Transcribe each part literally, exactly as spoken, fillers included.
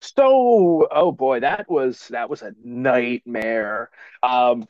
So, oh boy, that was that was a nightmare. Um,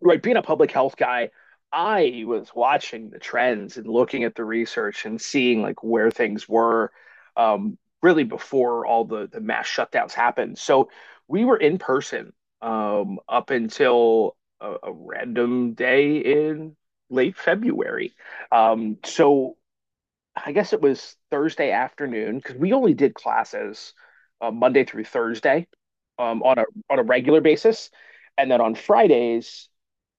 right, being a public health guy, I was watching the trends and looking at the research and seeing like where things were, um, really before all the the mass shutdowns happened. So we were in person, um, up until a, a random day in late February. Um, so I guess it was Thursday afternoon because we only did classes uh, Monday through Thursday um, on a on a regular basis, and then on Fridays,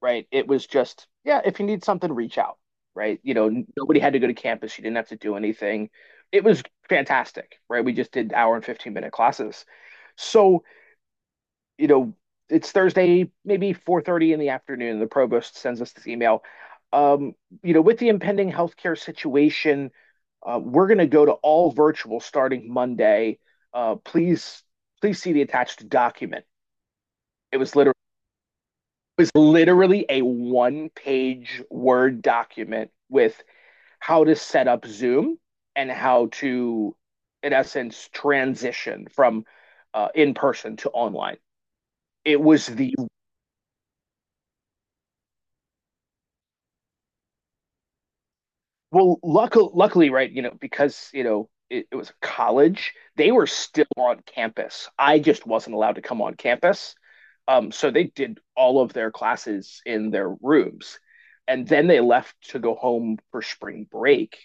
right? It was just yeah, if you need something, reach out, right? You know, n- nobody had to go to campus. You didn't have to do anything. It was fantastic, right? We just did hour and fifteen minute classes. So you know, it's Thursday, maybe four thirty in the afternoon. The provost sends us this email. Um, you know, with the impending healthcare situation, uh, we're going to go to all virtual starting Monday. Uh, please, please see the attached document. It was literally it was literally a one-page Word document with how to set up Zoom and how to, in essence, transition from uh, in person to online. It was the. Well, luckily, luckily, right, you know, because, you know, it, it was college, they were still on campus. I just wasn't allowed to come on campus. Um, so they did all of their classes in their rooms. And then they left to go home for spring break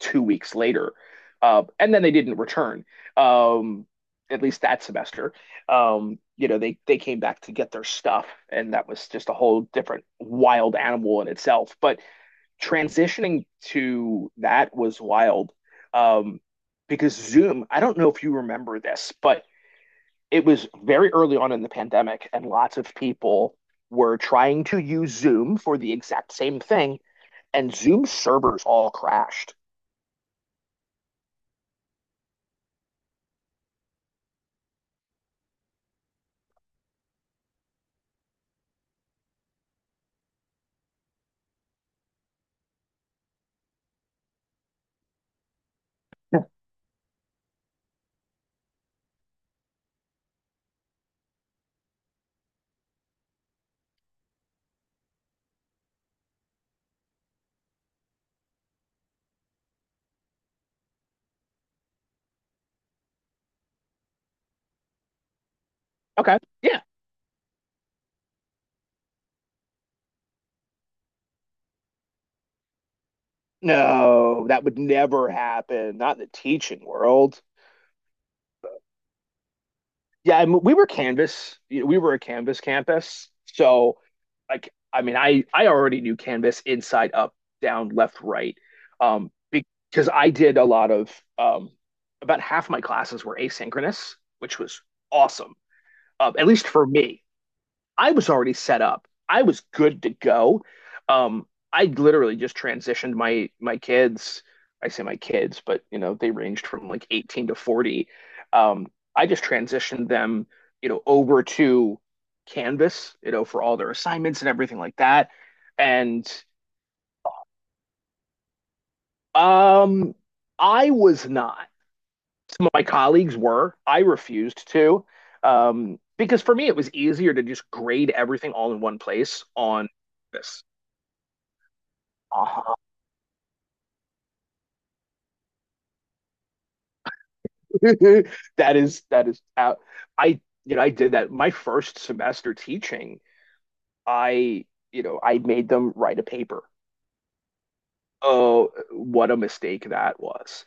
two weeks later. Uh, and then they didn't return, um, at least that semester. Um, you know, they, they came back to get their stuff. And that was just a whole different wild animal in itself. But transitioning to that was wild um, because Zoom, I don't know if you remember this, but it was very early on in the pandemic, and lots of people were trying to use Zoom for the exact same thing, and Zoom servers all crashed. Yeah. Okay. Yeah. No, that would never happen. Not in the teaching world. Yeah, I mean, we were Canvas. We were a Canvas campus. So, like, I mean, I I already knew Canvas inside up down, left, right, um, because I did a lot of um, about half my classes were asynchronous, which was awesome, uh, at least for me. I was already set up. I was good to go. Um, I literally just transitioned my my kids. I say my kids, but you know, they ranged from like eighteen to forty. Um, I just transitioned them, you know, over to Canvas, you know, for all their assignments and everything like that. And um, I was not. Some of my colleagues were. I refused to. Um, because for me, it was easier to just grade everything all in one place on this. Uh-huh. That is that is out. I you know I did that my first semester teaching. I you know I made them write a paper. Oh, what a mistake that was.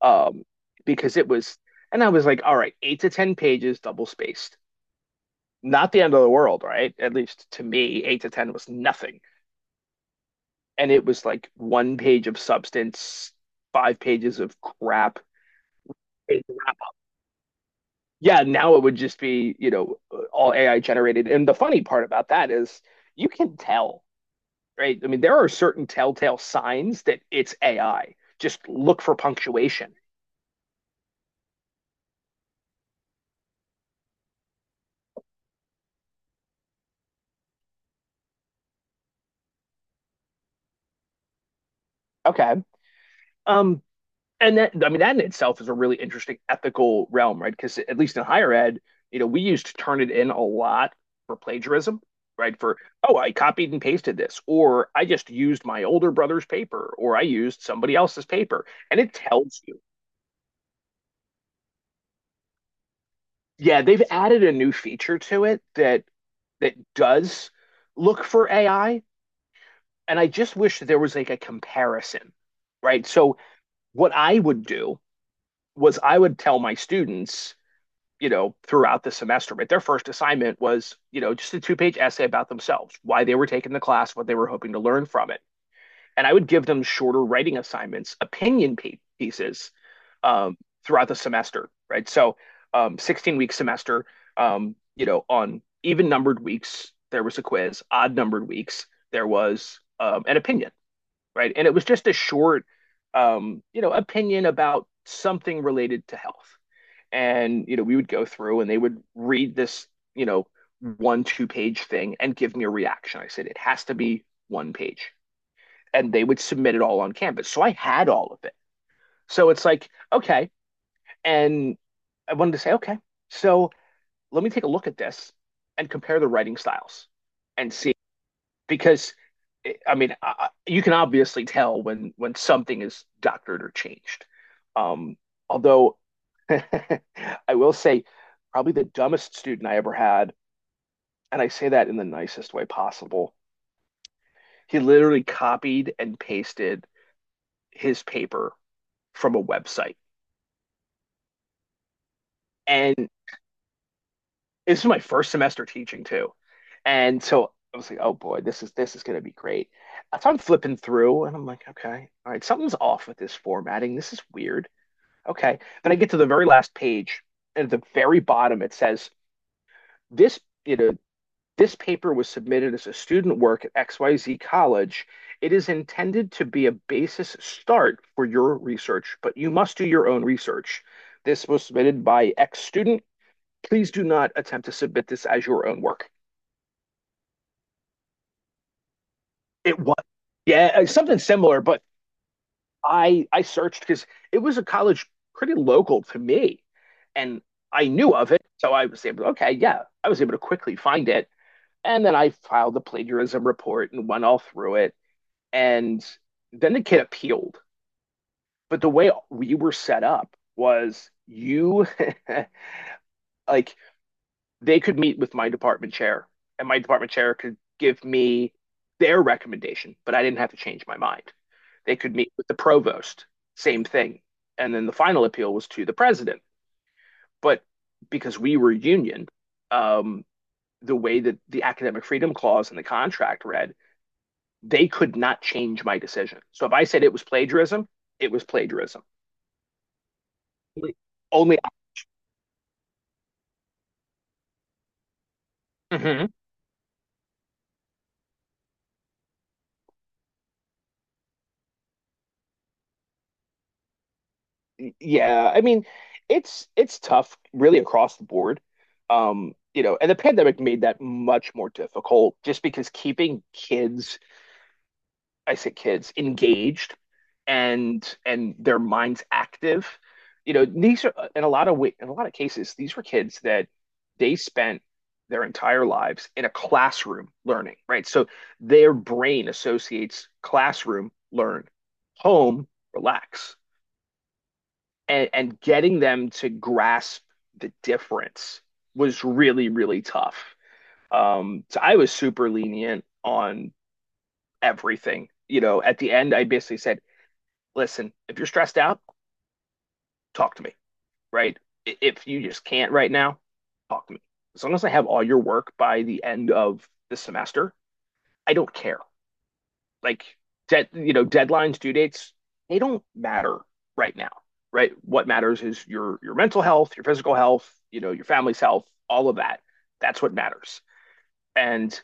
Um, because it was, and I was like, all right, eight to ten pages, double spaced. Not the end of the world, right? At least to me, eight to ten was nothing. And it was like one page of substance, five pages of crap. Yeah, now it would just be, you know, all A I generated. And the funny part about that is you can tell, right? I mean, there are certain telltale signs that it's A I. Just look for punctuation. Okay. Um, and that, I mean, that in itself is a really interesting ethical realm, right? Because at least in higher ed, you know, we used to turn it in a lot for plagiarism, right? For, oh, I copied and pasted this, or I just used my older brother's paper, or I used somebody else's paper. And it tells you. Yeah, they've added a new feature to it that that does look for A I, and I just wish that there was like a comparison, right? So what I would do was I would tell my students, you know, throughout the semester, but their first assignment was, you know, just a two-page essay about themselves, why they were taking the class, what they were hoping to learn from it, and I would give them shorter writing assignments, opinion pieces um, throughout the semester, right? So, um, sixteen week semester, um, you know, on even numbered weeks, there was a quiz, odd numbered weeks, there was um, an opinion, right? And it was just a short, um, you know, opinion about something related to health. And, you know, we would go through and they would read this, you know, one, two page thing and give me a reaction. I said, it has to be one page, and they would submit it all on Canvas. So I had all of it. So it's like, okay. And I wanted to say, okay, so let me take a look at this and compare the writing styles and see, because eh, I mean, I, you can obviously tell when when something is doctored or changed. Um, Although I will say, probably the dumbest student I ever had, and I say that in the nicest way possible. He literally copied and pasted his paper from a website, and this is my first semester teaching too. And so I was like, oh boy, this is this is gonna be great. So I'm flipping through and I'm like, okay, all right, something's off with this formatting. This is weird. Okay. Then I get to the very last page, and at the very bottom it says, this, you know, this paper was submitted as a student work at X Y Z College. It is intended to be a basis start for your research, but you must do your own research. This was submitted by X student. Please do not attempt to submit this as your own work. It was, yeah, uh, something similar, but I I searched because it was a college pretty local to me, and I knew of it, so I was able. To, okay, yeah, I was able to quickly find it, and then I filed the plagiarism report and went all through it, and then the kid appealed. But the way we were set up was you like, they could meet with my department chair, and my department chair could give me their recommendation, but I didn't have to change my mind. They could meet with the provost, same thing. And then the final appeal was to the president. But because we were union, um, the way that the academic freedom clause in the contract read, they could not change my decision. So if I said it was plagiarism, it was plagiarism. Only. Mhm. Yeah, I mean, it's it's tough really across the board. Um, you know, and the pandemic made that much more difficult just because keeping kids, I say kids, engaged and and their minds active. You know, these are in a lot of wa- in a lot of cases, these were kids that they spent their entire lives in a classroom learning, right? So their brain associates classroom, learn, home, relax, and and getting them to grasp the difference was really, really tough. Um, so I was super lenient on everything. You know, at the end, I basically said, "Listen, if you're stressed out, talk to me, right? If you just can't right now, talk to me. As long as I have all your work by the end of the semester, I don't care." Like, dead you know deadlines, due dates, they don't matter right now. Right? What matters is your your mental health, your physical health, you know, your family's health, all of that. That's what matters. And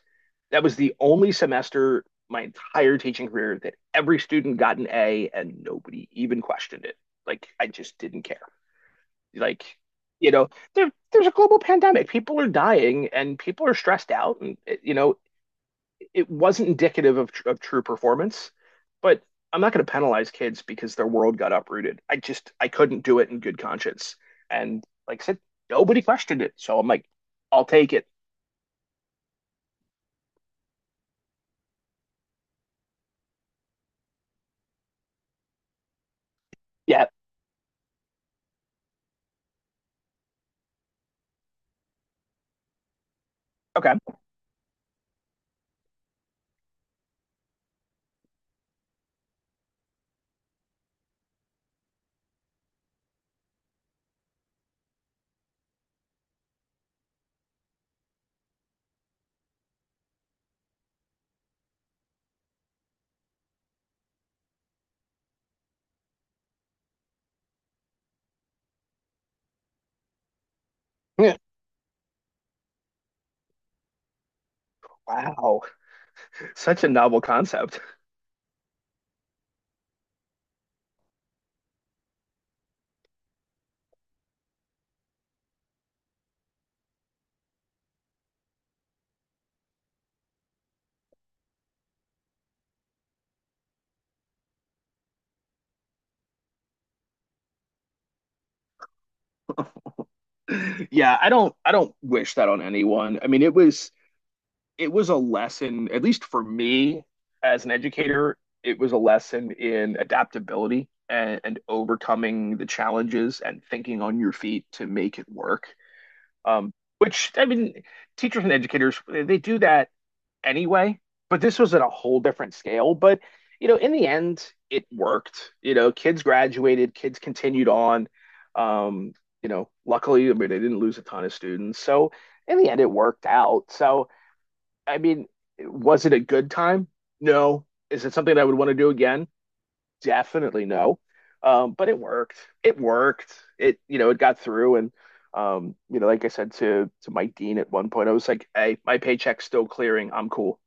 that was the only semester my entire teaching career that every student got an A, and nobody even questioned it. Like, I just didn't care. Like, you know, there, there's a global pandemic, people are dying and people are stressed out, and, you know, it wasn't indicative of, of true performance, but I'm not going to penalize kids because their world got uprooted. I just, I couldn't do it in good conscience. And like I said, nobody questioned it. So I'm like, I'll take it. Yeah. Okay. Yeah. Wow. Such a novel concept. Yeah. I don't, I don't wish that on anyone. I mean, it was, it was a lesson, at least for me as an educator, it was a lesson in adaptability and, and overcoming the challenges and thinking on your feet to make it work. Um, which, I mean, teachers and educators, they do that anyway, but this was at a whole different scale. But, you know, in the end, it worked. You know, kids graduated, kids continued on. Um, you know, luckily, I mean, they didn't lose a ton of students. So in the end, it worked out. So, I mean, was it a good time? No. Is it something I would want to do again? Definitely no. Um, but it worked. It worked. It, you know, it got through, and um, you know, like I said to to Mike Dean at one point, I was like, "Hey, my paycheck's still clearing. I'm cool."